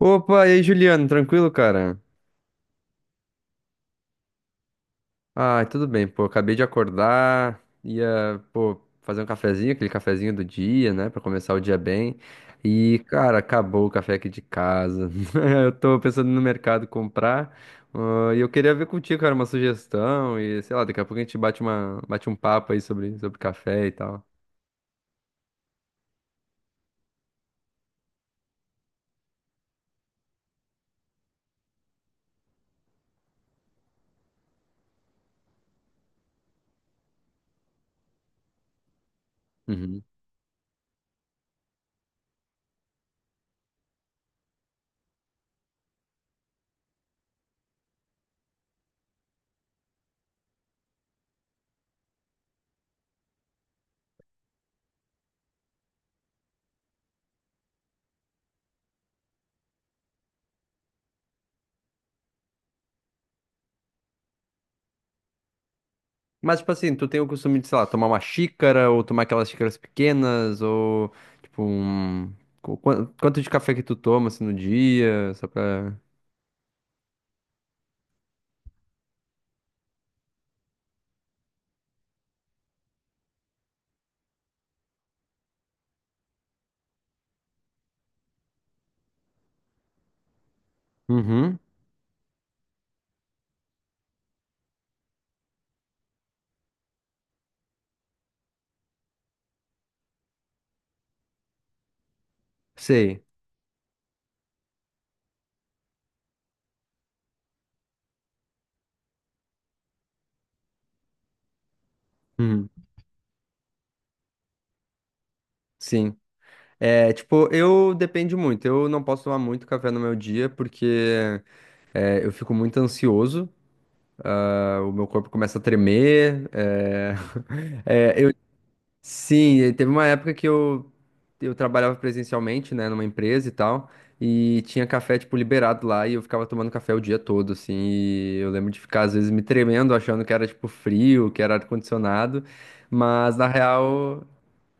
Opa, e aí, Juliano, tranquilo, cara? Ah, tudo bem, pô, acabei de acordar, ia, pô, fazer um cafezinho, aquele cafezinho do dia, né, pra começar o dia bem. E, cara, acabou o café aqui de casa. Eu tô pensando no mercado comprar, e eu queria ver contigo, cara, uma sugestão e, sei lá, daqui a pouco a gente bate um papo aí sobre, sobre café e tal. Uhum. Mas, tipo assim, tu tem o costume de, sei lá, tomar uma xícara ou tomar aquelas xícaras pequenas ou, tipo, um... Quanto de café que tu toma, assim, no dia, só pra... Uhum, sei. Uhum, sim. É, tipo, eu depende muito. Eu não posso tomar muito café no meu dia porque é, eu fico muito ansioso. O meu corpo começa a tremer. É, Sim, e teve uma época que eu trabalhava presencialmente, né, numa empresa e tal, e tinha café, tipo, liberado lá, e eu ficava tomando café o dia todo, assim, e eu lembro de ficar, às vezes, me tremendo, achando que era, tipo, frio, que era ar-condicionado, mas, na real,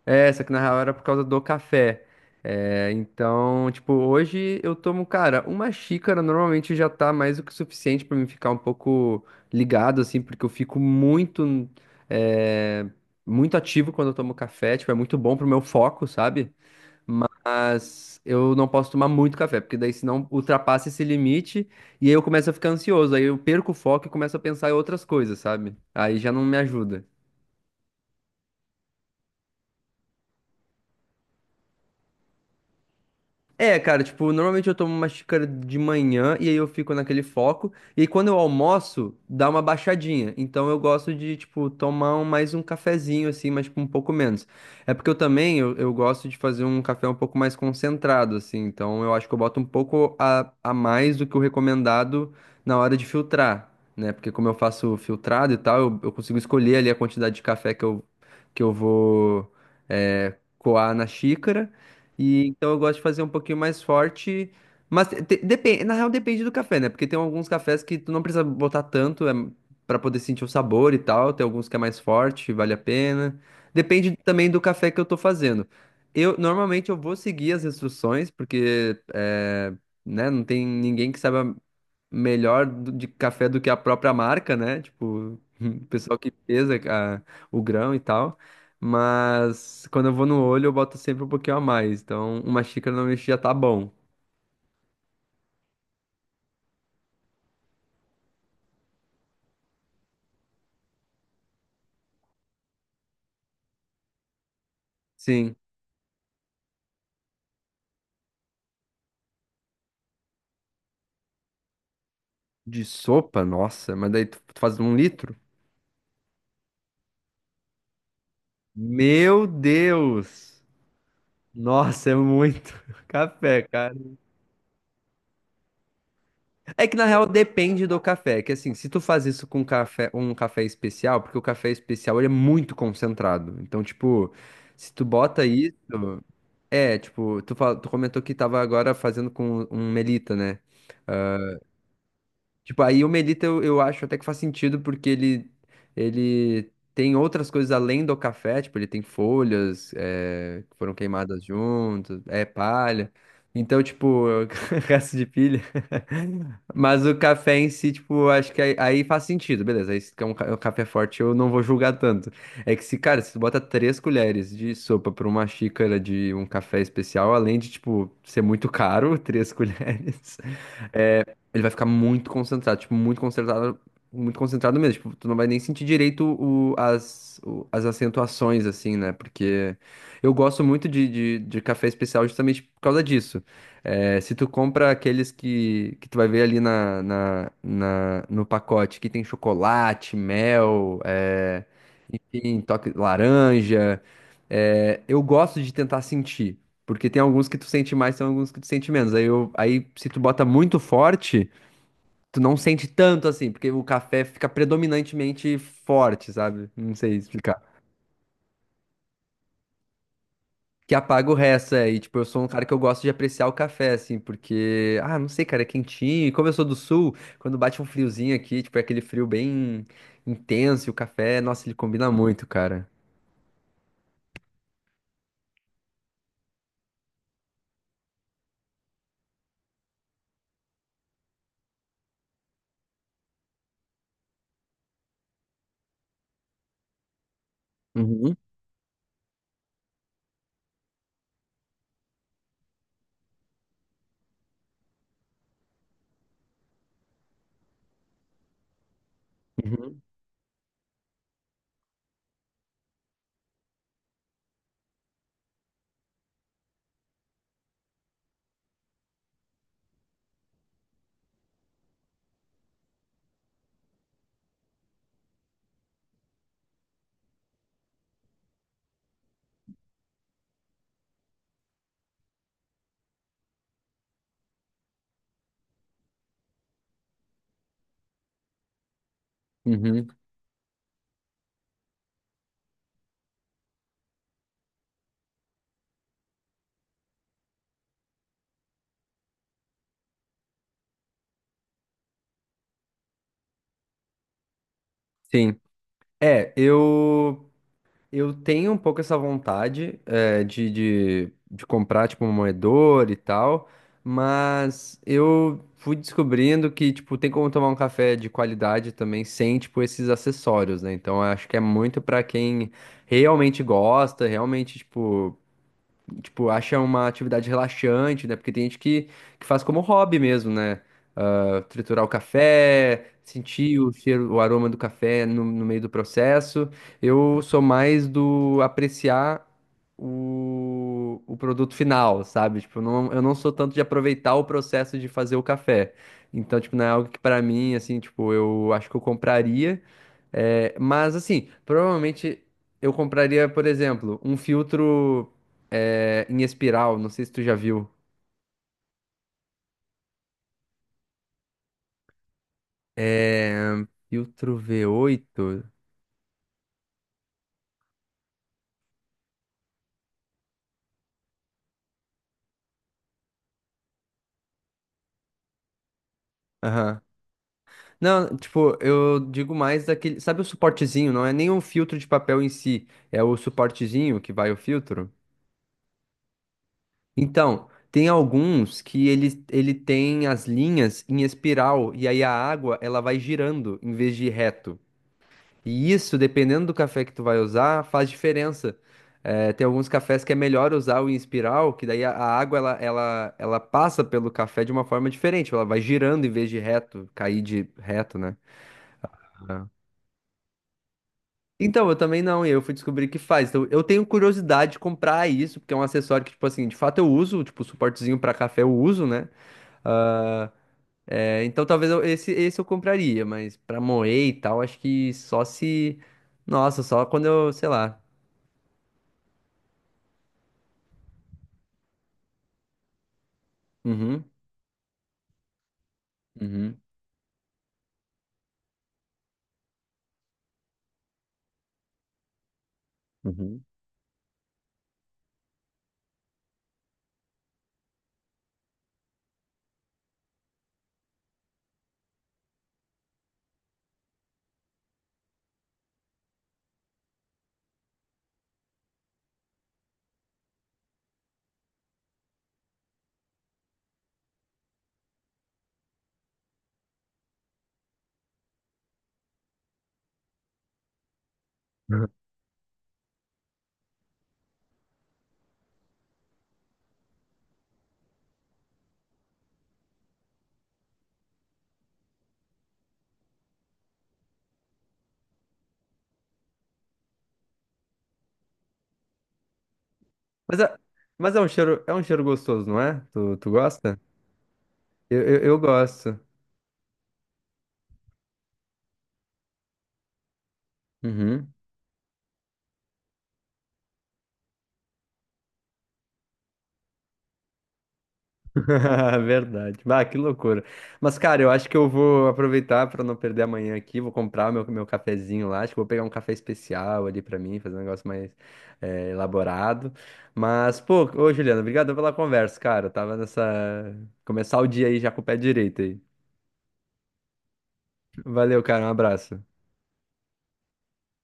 é, só que na real era por causa do café. É, então, tipo, hoje eu tomo, cara, uma xícara normalmente já tá mais do que suficiente pra me ficar um pouco ligado, assim, porque eu fico muito, é, muito ativo quando eu tomo café, tipo, é muito bom pro meu foco, sabe? Mas eu não posso tomar muito café, porque daí senão ultrapassa esse limite e aí eu começo a ficar ansioso, aí eu perco o foco e começo a pensar em outras coisas, sabe? Aí já não me ajuda. É, cara, tipo, normalmente eu tomo uma xícara de manhã e aí eu fico naquele foco. E aí quando eu almoço, dá uma baixadinha. Então eu gosto de, tipo, mais um cafezinho, assim, mas tipo, um pouco menos. É porque eu também, eu gosto de fazer um café um pouco mais concentrado, assim. Então eu acho que eu boto um pouco a mais do que o recomendado na hora de filtrar, né? Porque como eu faço filtrado e tal, eu consigo escolher ali a quantidade de café que que eu vou, é, coar na xícara. E então eu gosto de fazer um pouquinho mais forte. Mas depende, na real depende do café, né? Porque tem alguns cafés que tu não precisa botar tanto é, para poder sentir o sabor e tal. Tem alguns que é mais forte, vale a pena. Depende também do café que eu tô fazendo. Eu normalmente eu vou seguir as instruções, porque é, né, não tem ninguém que saiba melhor de café do que a própria marca, né? Tipo, o pessoal que o grão e tal. Mas quando eu vou no olho, eu boto sempre um pouquinho a mais. Então, uma xícara normalmente já tá bom. Sim. De sopa? Nossa, mas daí tu faz um litro? Meu Deus! Nossa, é muito café, cara. É que na real depende do café. É que assim, se tu faz isso com café, um café especial, porque o café especial ele é muito concentrado. Então, tipo, se tu bota isso, é, tipo, tu comentou que tava agora fazendo com um Melita, né? Tipo, aí o Melita eu acho até que faz sentido, porque ele tem outras coisas além do café, tipo, ele tem folhas que foram queimadas juntos, é palha. Então, tipo, resto de pilha. Mas o café em si, tipo, acho que aí faz sentido, beleza. Aí se é um, é um café forte, eu não vou julgar tanto. É que se, cara, se tu bota três colheres de sopa pra uma xícara de um café especial, além de, tipo, ser muito caro, três colheres. Ele vai ficar muito concentrado, tipo, muito concentrado mesmo. Tipo, tu não vai nem sentir direito as acentuações, assim, né? Porque eu gosto muito de café especial justamente por causa disso. É, se tu compra aqueles que tu vai ver ali no pacote, que tem chocolate, mel, é, enfim, toque laranja. É, eu gosto de tentar sentir. Porque tem alguns que tu sente mais, tem alguns que tu sente menos. Aí se tu bota muito forte, tu não sente tanto assim, porque o café fica predominantemente forte, sabe? Não sei explicar. Que apaga o resto, é. E, tipo, eu sou um cara que eu gosto de apreciar o café, assim, porque, ah, não sei, cara, é quentinho. E como eu sou do sul, quando bate um friozinho aqui, tipo, é aquele frio bem intenso, e o café, nossa, ele combina muito, cara. Uhum, uhum, uhum. Sim. É, eu. Eu tenho um pouco essa vontade de comprar, tipo, um moedor e tal, mas eu fui descobrindo que, tipo, tem como tomar um café de qualidade também sem, tipo, esses acessórios, né? Então, eu acho que é muito pra quem realmente gosta, realmente, tipo, tipo, acha uma atividade relaxante, né? Porque tem gente que faz como hobby mesmo, né? Ah, triturar o café, sentir o cheiro, o aroma do café no meio do processo. Eu sou mais do apreciar o produto final, sabe? Tipo, eu não sou tanto de aproveitar o processo de fazer o café. Então, tipo, não é algo que pra mim, assim, tipo, eu acho que eu compraria. É, mas, assim, provavelmente eu compraria, por exemplo, um filtro é, em espiral, não sei se tu já viu. É, filtro V8. Aham. Não, tipo, eu digo mais daquele. Sabe o suportezinho? Não é nem o filtro de papel em si, é o suportezinho que vai o filtro. Então, tem alguns que ele tem as linhas em espiral, e aí a água ela vai girando em vez de reto. E isso, dependendo do café que tu vai usar, faz diferença. Eh, tem alguns cafés que é melhor usar o em espiral, que daí a água ela, ela passa pelo café de uma forma diferente, ela vai girando em vez de reto, cair de reto, né? Ah. Então, eu também não, e eu fui descobrir que faz. Então, eu tenho curiosidade de comprar isso, porque é um acessório que, tipo assim, de fato eu uso, tipo, suportezinho pra café eu uso, né? Ah, é, então, esse, esse eu compraria, mas pra moer e tal, acho que só se. Nossa, só quando eu, sei lá. Uhum. Uhum, uhum. Mas é, mas é um cheiro gostoso, não é? Tu, tu gosta? Eu gosto. Uhum. Verdade. Bah, que loucura. Mas, cara, eu acho que eu vou aproveitar para não perder amanhã aqui. Vou comprar o meu cafezinho lá. Acho que vou pegar um café especial ali para mim, fazer um negócio mais elaborado. Mas, pô, ô Juliana, obrigado pela conversa, cara. Eu tava nessa. Começar o dia aí já com o pé direito aí. Valeu, cara. Um abraço.